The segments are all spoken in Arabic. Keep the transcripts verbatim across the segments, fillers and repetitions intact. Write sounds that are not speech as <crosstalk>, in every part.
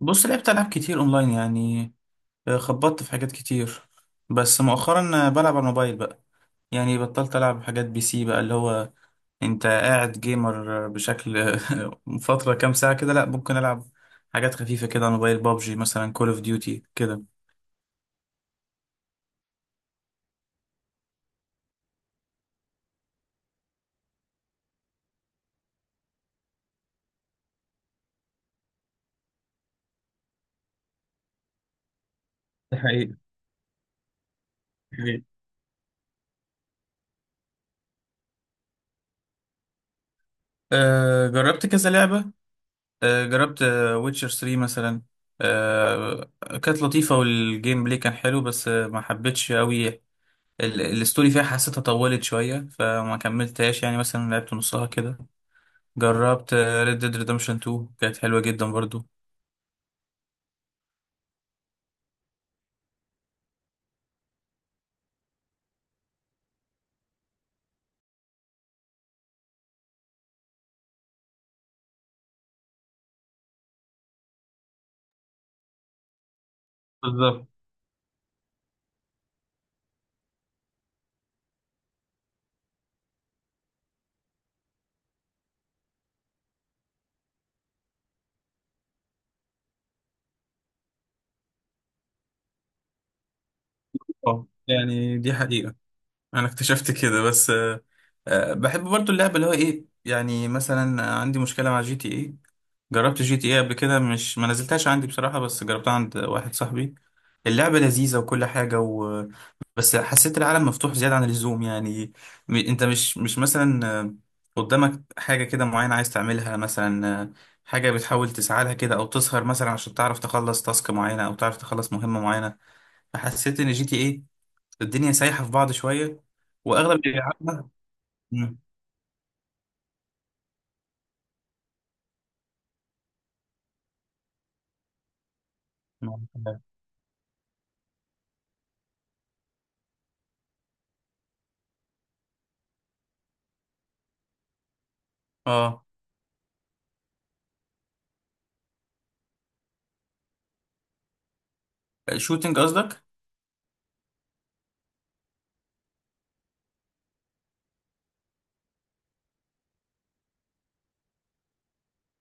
بص، لعبت ألعاب كتير أونلاين يعني آه، خبطت في حاجات كتير. بس مؤخرا آه، بلعب على الموبايل بقى. يعني بطلت ألعب حاجات بي سي بقى، اللي هو أنت قاعد جيمر آه، بشكل آه، <laughs> فترة كام ساعة كده. لأ ممكن ألعب حاجات خفيفة كده على الموبايل، بابجي مثلا، كول أوف ديوتي كده. ده حقيقي. حقيقي. أه جربت كذا لعبة. أه جربت ويتشر ثلاثة مثلا. أه كانت لطيفة، والجيم بلاي كان حلو، بس آه، ما حبيتش قوي. ال- الستوري فيها حسيتها طولت شوية فما كملتهاش، يعني مثلا لعبت نصها كده. جربت ريد ديد ريدمشن تو، كانت حلوة جدا برضو. بالظبط. اه يعني دي حقيقة. أنا اكتشفت كده، بس آه، آه، بحب برضو اللعبة، اللي هو إيه، يعني مثلا عندي مشكلة مع جي تي إيه. جربت جي تي ايه قبل كده، مش ما نزلتهاش عندي بصراحة بس جربتها عند واحد صاحبي. اللعبة لذيذة وكل حاجة و... بس حسيت العالم مفتوح زيادة عن اللزوم يعني. م... انت مش مش مثلا آه، قدامك حاجة كده معينة عايز تعملها مثلا آه، حاجة بتحاول تسعى لها كده، او تسهر مثلا عشان تعرف تخلص تاسك معينة او تعرف تخلص مهمة معينة. فحسيت ان جي تي ايه الدنيا سايحة في بعض شوية. واغلب اللي بيلعبها مم. اه، شوتينج قصدك؟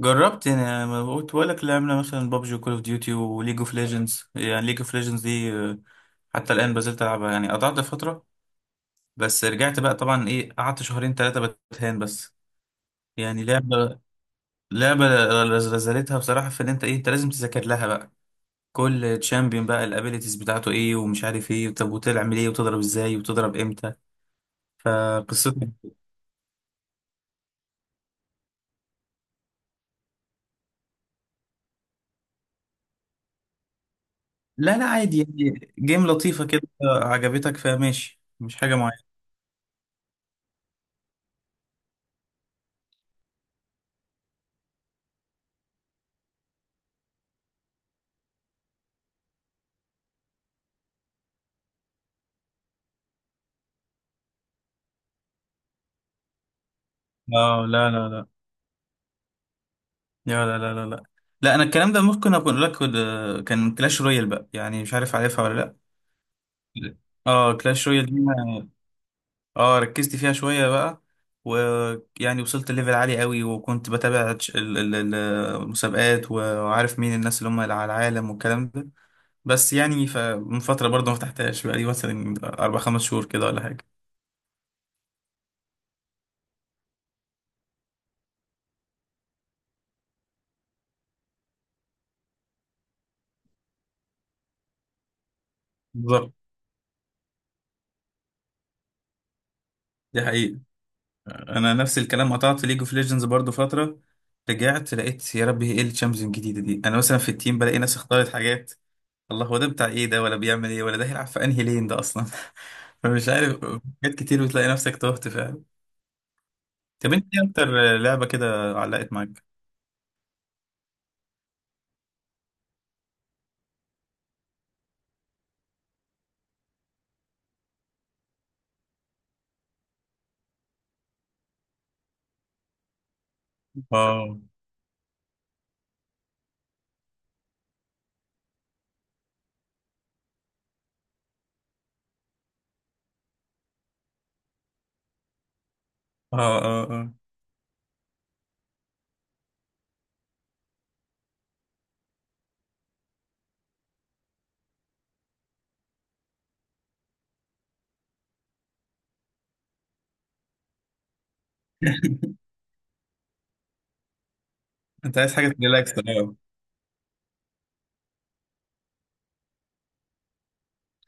جربت، يعني ما قلت لك لعبنا مثلا بابجي وكول اوف ديوتي وليج اوف ليجندز. يعني ليج اوف ليجندز دي آه، حتى الان بزلت العبها يعني. قطعت فتره بس رجعت بقى طبعا، ايه، قعدت شهرين ثلاثه بتهان بس. يعني لعبه لعبه رزلتها بصراحه، في ان انت، ايه، انت لازم تذاكر لها بقى. كل تشامبيون بقى الابيليتيز بتاعته ايه ومش عارف ايه، طب وتعمل ايه وتضرب ازاي وتضرب امتى؟ فقصته. لا لا، عادي يعني، جيم لطيفه كده عجبتك فماشي، مش حاجه معينه. اه، لا لا لا لا لا لا لا لا لا. انا الكلام ده ممكن اكون لك كنت- كان كلاش رويال بقى، يعني مش عارف، عارفها ولا لا. لا. اه كلاش رويال دي أنا- اه ركزت فيها شويه بقى. ويعني وصلت ليفل عالي قوي، وكنت بتابع تش- ال- ال- ال- المسابقات، وعارف مين الناس اللي هم اللي على العالم والكلام ده. بس يعني فمن فتره برضه ما فتحتهاش بقى لي، مثلا اربع خمس شهور كده ولا حاجه. بالظبط. دي حقيقة. انا نفس الكلام قطعت ليج اوف ليجندز برضو فتره، رجعت لقيت يا ربي، هي ايه الشامبيونز الجديده دي؟ انا مثلا في التيم بلاقي ناس اختارت حاجات، الله، هو ده بتاع ايه ده؟ ولا بيعمل ايه؟ ولا ده هيلعب في انهي لين ده اصلا؟ <laughs> فمش عارف. حاجات كتير بتلاقي نفسك تهت فعلا. طب انت ايه اكتر لعبه كده علقت معاك؟ اه اه اه اه. <laughs> انت عايز حاجه تريلاكس، اه.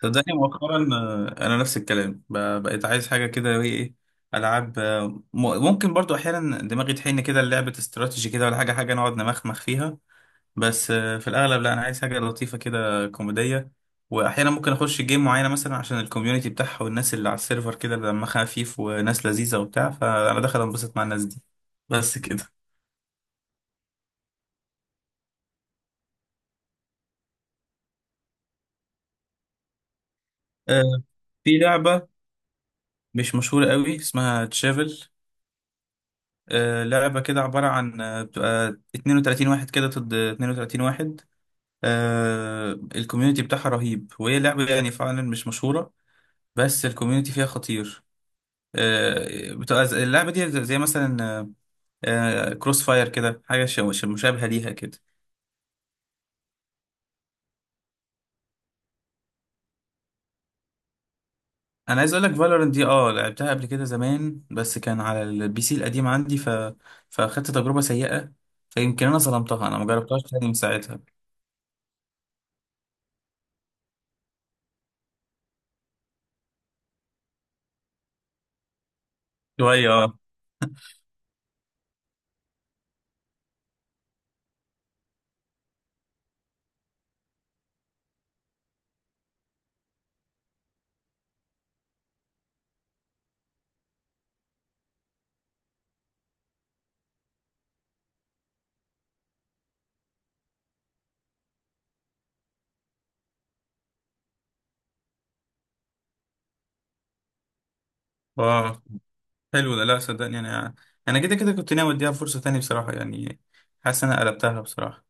صدقني مؤخرا آه، انا نفس الكلام، ب- بقيت عايز حاجه كده، ايه إيه، العاب آه، م- ممكن برضو احيانا دماغي تحن كده لعبه استراتيجي كده، ولا حاجه حاجه نقعد نمخمخ فيها، بس آه، في الاغلب لا، انا عايز حاجه لطيفه كده كوميديه. واحيانا ممكن اخش جيم معينه مثلا عشان الكوميونتي بتاعها والناس اللي على السيرفر كده دمها خفيف وناس لذيذه وبتاع، فانا داخل انبسط مع الناس دي، بس كده. آه، في لعبه مش مشهوره قوي اسمها تشافل. آه، لعبة كده عبارة عن آه، بتبقى اتنين وتلاتين واحد كده ضد اثنين وثلاثين واحد. آه، الكوميونتي بتاعها رهيب، وهي لعبة يعني فعلا مش مشهورة، بس الكوميونتي فيها خطير. آه، بتبقى ز- اللعبة دي زي زي مثلا كروس فاير كده، حاجة ش- ش- مشابهة ليها كده. أنا عايز أقول لك فالورنت دي، أه لعبتها قبل كده زمان بس كان على البي سي القديم عندي ف... فأخدت تجربة سيئة، فيمكن أنا ظلمتها، أنا مجربتهاش تاني من ساعتها. شوية اه. آه. حلو ده. لا صدقني، انا انا كده كده كنت ناوي اديها فرصة تانية بصراحة، يعني حاسس إن انا قلبتها بصراحة.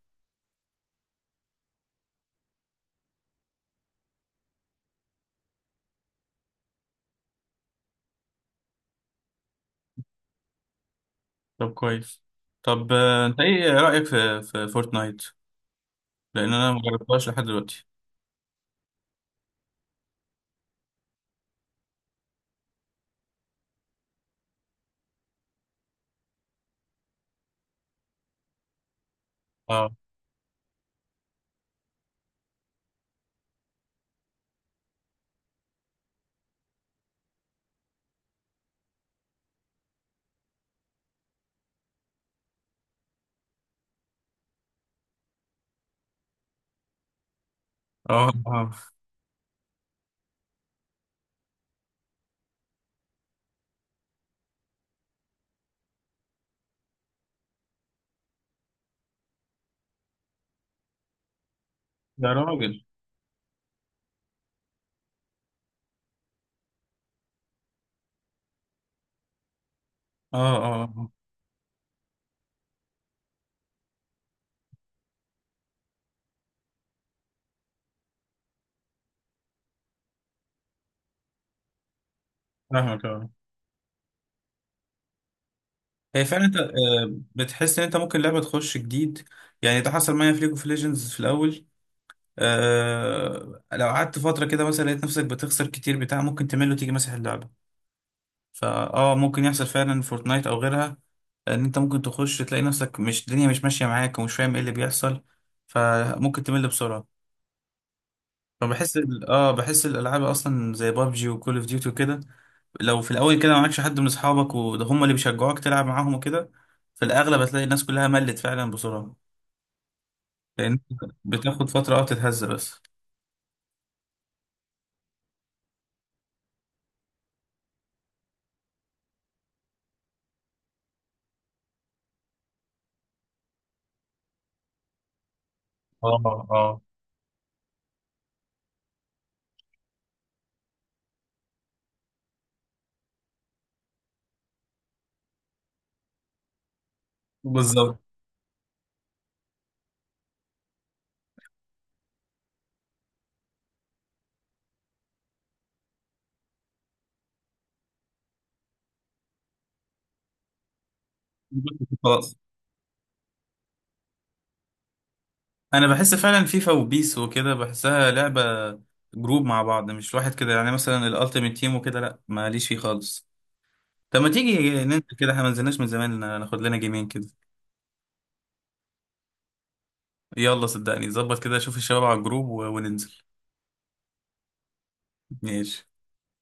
طب كويس. طب آه، انت ايه رأيك في في فورتنايت؟ لان انا ما جربتهاش لحد دلوقتي. اه اه اه، يا راجل. اه اه. آه. فاهمك، اه. هي فعلا انت آه، بتحس ان انت ممكن لعبة تخش جديد، يعني ده حصل معايا في ليج اوف ليجندز في الاول. آه، لو قعدت فترة كده مثلا لقيت نفسك بتخسر كتير بتاع، ممكن تمل وتيجي مسح اللعبة. فاه ممكن يحصل فعلا، فورتنايت او غيرها، ان انت ممكن تخش تلاقي نفسك مش الدنيا مش ماشيه معاك ومش فاهم ايه اللي بيحصل، فممكن تمل بسرعه. فبحس ال- اه بحس الالعاب اصلا زي بابجي وكول اوف ديوتي وكده، لو في الاول كده معكش حد من اصحابك وده هم اللي بيشجعوك تلعب معاهم وكده، في الاغلب هتلاقي الناس كلها ملت فعلا بسرعه، لان بتاخد فتره اه تتهز بس. اه اه. بالظبط. خلاص. انا بحس فعلا فيفا وبيس وكده بحسها لعبه جروب مع بعض، مش واحد كده، يعني مثلا الالتيميت تيم وكده لا ماليش فيه خالص. طب ما تيجي ننزل كده، احنا ما نزلناش من زمان، ناخد لنا جيمين كده. يلا صدقني، ظبط كده، شوف الشباب على الجروب و- وننزل. ماشي